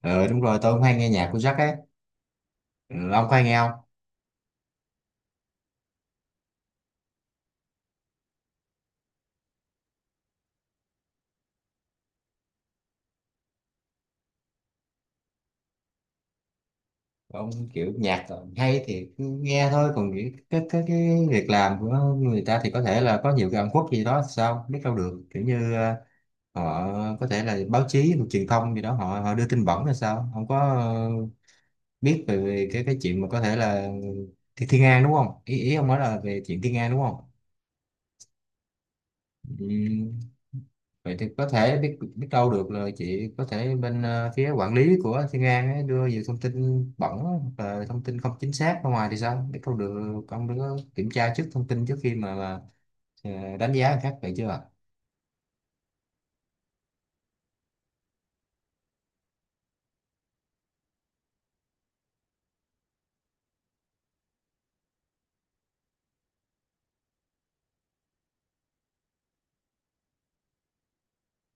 Ờ Đúng rồi, tôi cũng hay nghe nhạc của Jack ấy. Ừ, ông có hay nghe không? Ông kiểu nhạc hay thì cứ nghe thôi, còn cái việc làm của người ta thì có thể là có nhiều cái ẩn khuất gì đó, sao biết đâu được. Kiểu như họ có thể là báo chí hoặc truyền thông gì đó họ đưa tin bẩn hay sao, không có biết về cái chuyện mà có thể là thì Thiên An đúng không, ý ý ông nói là về chuyện Thiên An đúng không? Ừ, vậy thì có thể biết biết đâu được là chị có thể bên phía quản lý của Thiên An ấy đưa nhiều thông tin bẩn hoặc là thông tin không chính xác ra ngoài thì sao biết đâu được. Ông đứa kiểm tra trước thông tin trước khi mà đánh giá người khác vậy chưa ạ?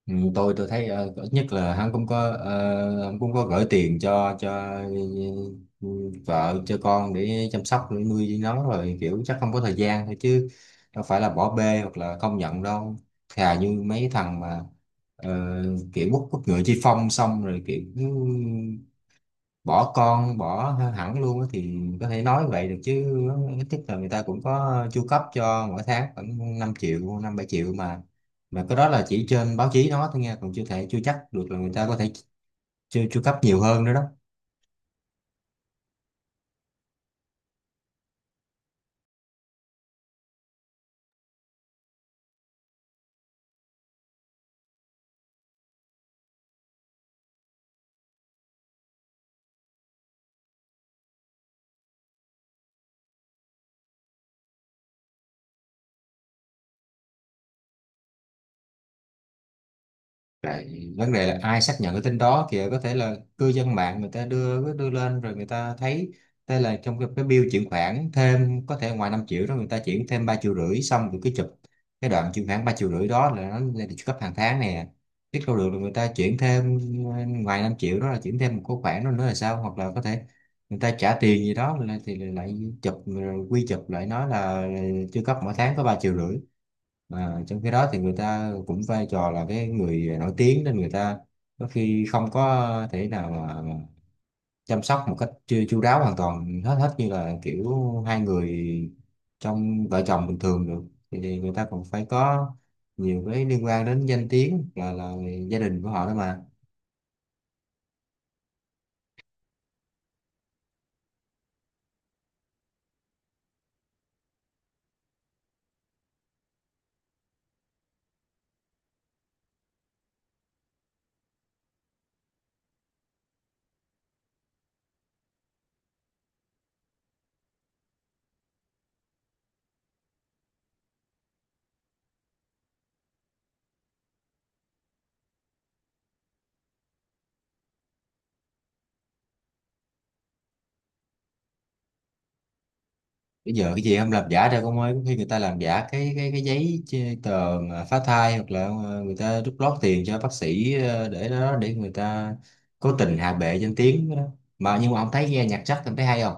Ừ, tôi thấy ít nhất là hắn cũng có, hắn cũng có gửi tiền cho ừ, vợ cho con để chăm sóc, để nuôi nó rồi, kiểu chắc không có thời gian thôi chứ đâu phải là bỏ bê hoặc là không nhận đâu. Thà như mấy thằng mà ờ, kiểu quốc quốc ngựa chi phong xong rồi kiểu bỏ con, bỏ hẳn luôn á thì có thể nói vậy được chứ. Ít nhất là người ta cũng có chu cấp cho mỗi tháng khoảng 5 triệu, 5-7 triệu mà. Mà cái đó là chỉ trên báo chí nó thôi nha, còn chưa thể, chưa chắc được là người ta có thể chu chu cấp nhiều hơn nữa đó. Lại vấn đề là ai xác nhận cái tin đó kìa, có thể là cư dân mạng người ta đưa đưa lên rồi người ta thấy thế, là trong cái bill chuyển khoản thêm, có thể ngoài 5 triệu đó người ta chuyển thêm 3,5 triệu, xong rồi cứ chụp cái đoạn chuyển khoản 3,5 triệu đó là nó lên được cấp hàng tháng nè. Biết đâu được là người ta chuyển thêm, ngoài 5 triệu đó là chuyển thêm một cái khoản đó nữa là sao, hoặc là có thể người ta trả tiền gì đó là- thì lại chụp rồi quy chụp lại nói là chưa cấp mỗi tháng có 3,5 triệu. Mà trong khi đó thì người ta cũng vai trò là cái người nổi tiếng, nên người ta có khi không có thể nào mà chăm sóc một cách chu chu đáo hoàn toàn hết hết như là kiểu hai người trong vợ chồng bình thường được. Thì người ta còn phải có nhiều cái liên quan đến danh tiếng là gia đình của họ đó mà. Bây giờ cái gì không làm giả đâu con ơi, có khi người ta làm giả cái giấy chê- tờ mà phá thai, hoặc là người ta rút lót tiền cho bác sĩ để đó, để người ta cố tình hạ bệ danh tiếng đó mà. Nhưng mà ông thấy nghe nhạc Jack ông thấy hay không?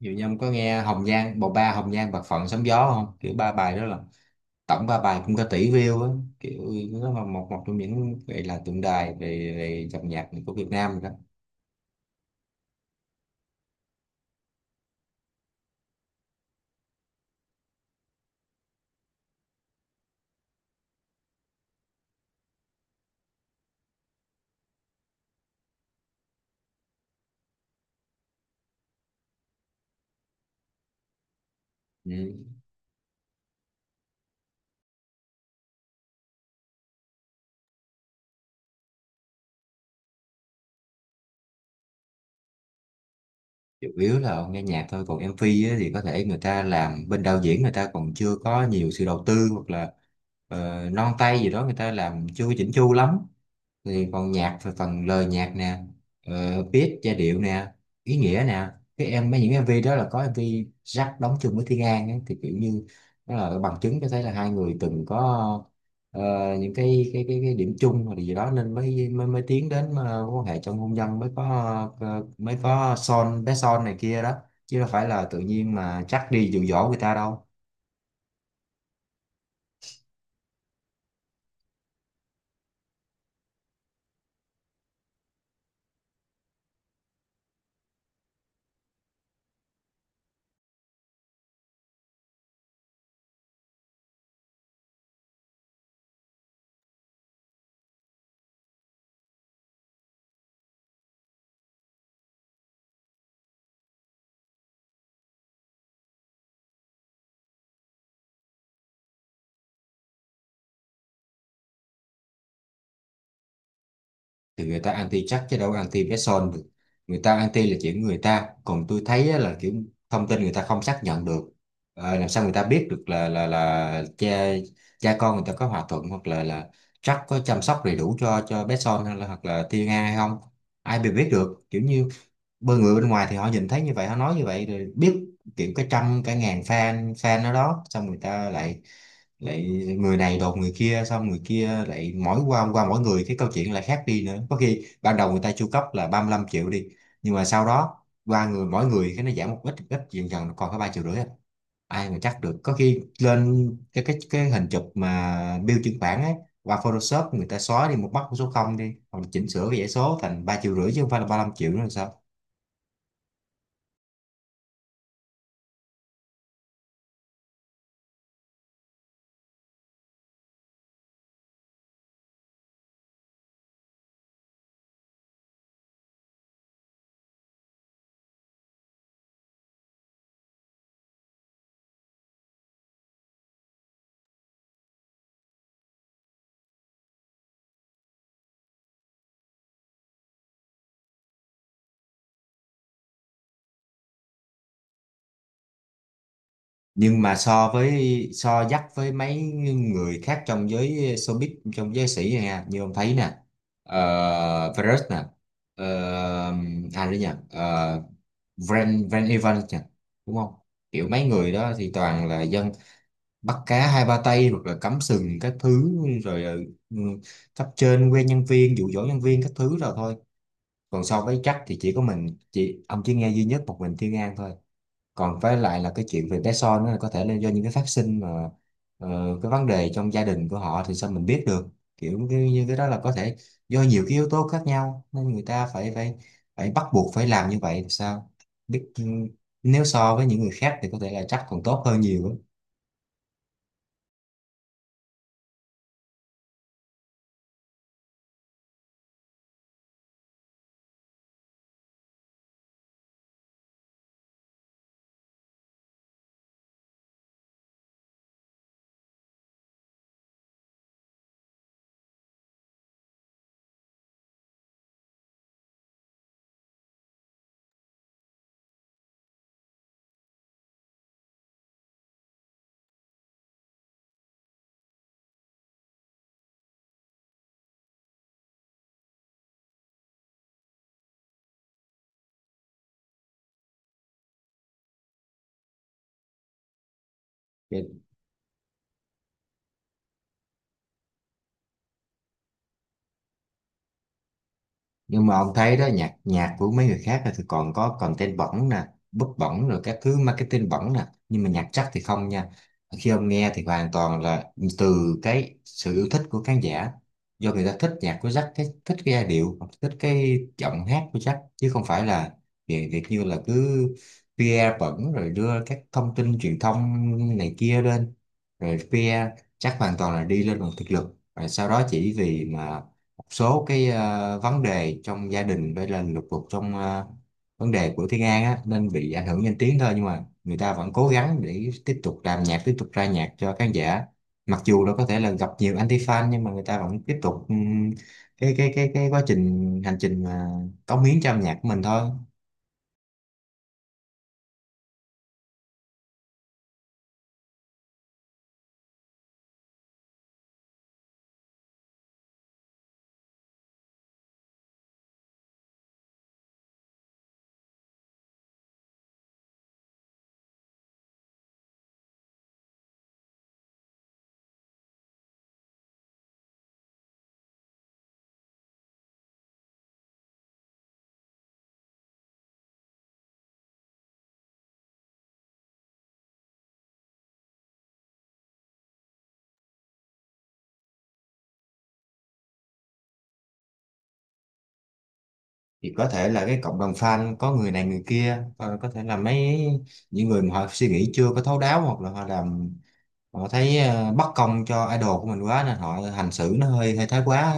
Ví dụ như ông có nghe Hồng Nhan, bộ ba Hồng Nhan, Bạc Phận, Sóng Gió không? Kiểu ba bài đó là tổng ba bài cũng có tỷ view á. Kiểu nó là một một trong những gọi là tượng đài về về dòng nhạc của Việt Nam rồi đó. Ừ. Chủ yếu là ông nghe nhạc thôi, còn MV á, thì có thể người ta làm bên đạo diễn, người ta còn chưa có nhiều sự đầu tư hoặc là non tay gì đó, người ta làm chưa chỉnh chu lắm. Thì còn nhạc thì phần lời nhạc nè, beat giai điệu nè, ý nghĩa nè. Cái em mấy những em MV đó là có em MV Jack đóng chung với Thiên An ấy, thì kiểu như đó là bằng chứng cho thấy là hai người từng có ờ, những cái điểm chung hoặc là gì đó, nên mới mới, mới tiến đến quan hệ trong hôn nhân, mới có mới có son, bé son này kia đó. Chứ đâu phải là tự nhiên mà chắc đi dụ dỗ người ta đâu. Thì người ta anti chắc chứ đâu có anti bé son được. Người ta anti là chuyện người ta, còn tôi thấy á là kiểu thông tin người ta không xác nhận được. Ờ, làm sao người ta biết được là cha cha con người ta có hòa thuận hoặc là chắc có chăm sóc đầy đủ cho bé son hay là hoặc là Thiên Nga hay không. Ai bị biết được, kiểu như bởi người bên ngoài thì họ nhìn thấy như vậy, họ nói như vậy rồi biết. Kiểu cái trăm cái ngàn fan, ở đó xong người ta lại lại người này đồn người kia, xong người kia lại mỗi qua qua mỗi người cái câu chuyện lại khác đi nữa. Có khi ban đầu người ta chu cấp là 35 triệu đi, nhưng mà sau đó qua người, mỗi người cái nó giảm một ít, dần dần nó còn có 3,5 triệu à. Ai mà chắc được, có khi lên cái hình chụp mà bill chuyển khoản ấy qua Photoshop người ta xóa đi một mắt của số không đi, hoặc là chỉnh sửa cái dãy số thành 3,5 triệu chứ không phải là 35 triệu nữa là sao. Nhưng mà so với, so dắt với mấy người khác trong giới showbiz, trong giới sĩ này nha, như ông thấy nè, Virus nè, à đấy nhỉ, Van Van Evans nhỉ, đúng không? Kiểu mấy người đó thì toàn là dân bắt cá hai ba tay hoặc là cắm sừng các thứ rồi, ừ, cấp trên quen nhân viên, dụ dỗ nhân viên các thứ rồi thôi. Còn so với Jack thì chỉ có mình chị ông chỉ nghe duy nhất một mình Thiên An thôi. Còn với lại là cái chuyện về bé son đó là có thể là do những cái phát sinh mà ờ, cái vấn đề trong gia đình của họ thì sao mình biết được. Kiểu như cái đó là có thể do nhiều cái yếu tố khác nhau nên người ta phải phải phải bắt buộc phải làm như vậy thì sao biết. Ừ, nếu so với những người khác thì có thể là chắc còn tốt hơn nhiều á. Nhưng mà ông thấy đó, nhạc nhạc của mấy người khác thì còn có content bẩn nè, bút bẩn rồi các thứ, marketing bẩn nè, nhưng mà nhạc chắc thì không nha. Khi ông nghe thì hoàn toàn là từ cái sự yêu thích của khán giả, do người ta thích nhạc của Jack, cái thích cái giai điệu, thích cái giọng hát của Jack, chứ không phải là việc việc như là cứ PR bẩn rồi đưa các thông tin truyền thông này kia lên rồi PR. Chắc hoàn toàn là đi lên bằng thực lực, rồi sau đó chỉ vì mà số cái vấn đề trong gia đình với là lục đục trong vấn đề của Thiên An á nên bị ảnh hưởng danh tiếng thôi. Nhưng mà người ta vẫn cố gắng để tiếp tục làm nhạc, tiếp tục ra nhạc cho khán giả, mặc dù nó có thể là gặp nhiều anti fan, nhưng mà người ta vẫn tiếp tục cái quá trình, hành trình mà cống hiến cho âm nhạc của mình thôi. Thì có thể là cái cộng đồng fan có người này người kia, có thể là những người mà họ suy nghĩ chưa có thấu đáo, hoặc là họ làm, họ thấy bất công cho idol của mình quá nên họ hành xử nó hơi hơi thái quá.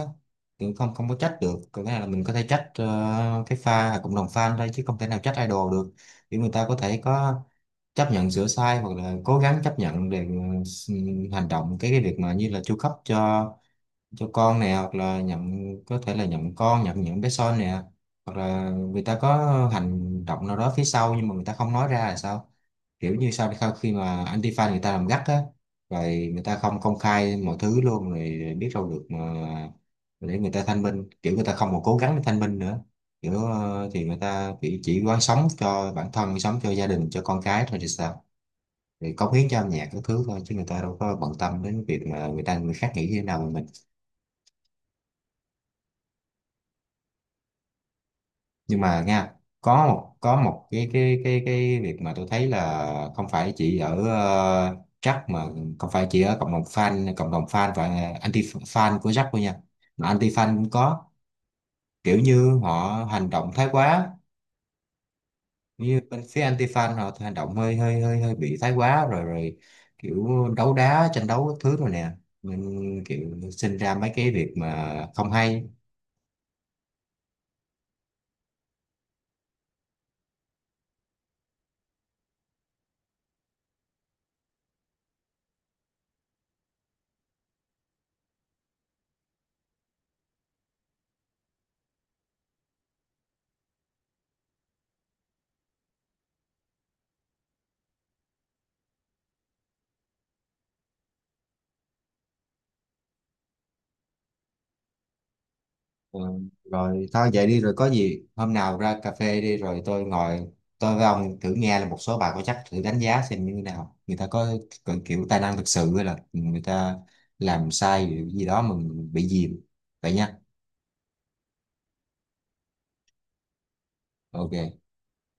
Cũng không không có trách được, có nghĩa là mình có thể trách cái pha cộng đồng fan thôi chứ không thể nào trách idol được. Vì người ta có thể có chấp nhận sửa sai hoặc là cố gắng chấp nhận để ừ, hành động cái việc mà như là chu cấp cho con nè, hoặc là nhận, có thể là nhận con, nhận những bé son nè, hoặc là người ta có hành động nào đó phía sau nhưng mà người ta không nói ra là sao. Kiểu như sau sau khi mà Antifa người ta làm gắt á rồi, người ta không công khai mọi thứ luôn rồi biết đâu được mà. Để người ta thanh minh, kiểu người ta không còn cố gắng để thanh minh nữa. Kiểu thì người ta chỉ quán sống cho bản thân, sống cho gia đình, cho con cái thôi thì sao. Thì cống hiến cho âm nhạc các thứ thôi, chứ người ta đâu có bận tâm đến việc mà người ta người khác nghĩ như thế nào mà mình. Nhưng mà nha, có một cái việc mà tôi thấy là không phải chỉ ở Jack mà, không phải chỉ ở cộng đồng fan, cộng đồng fan và anti fan của Jack thôi nha, mà anti fan cũng có. Kiểu như họ hành động thái quá, như bên phía anti fan họ hành động hơi hơi hơi hơi bị thái quá rồi, kiểu đấu đá, tranh đấu các thứ rồi nè, nên kiểu sinh ra mấy cái việc mà không hay. Ừ, rồi thôi vậy đi, rồi có gì hôm nào ra cà phê đi rồi tôi ngồi, tôi với ông thử nghe là một số bài có chắc, thử đánh giá xem như thế nào, người ta có kiểu tài năng thực sự hay là người ta làm sai gì gì đó mà mình bị dìm. Vậy nha. OK.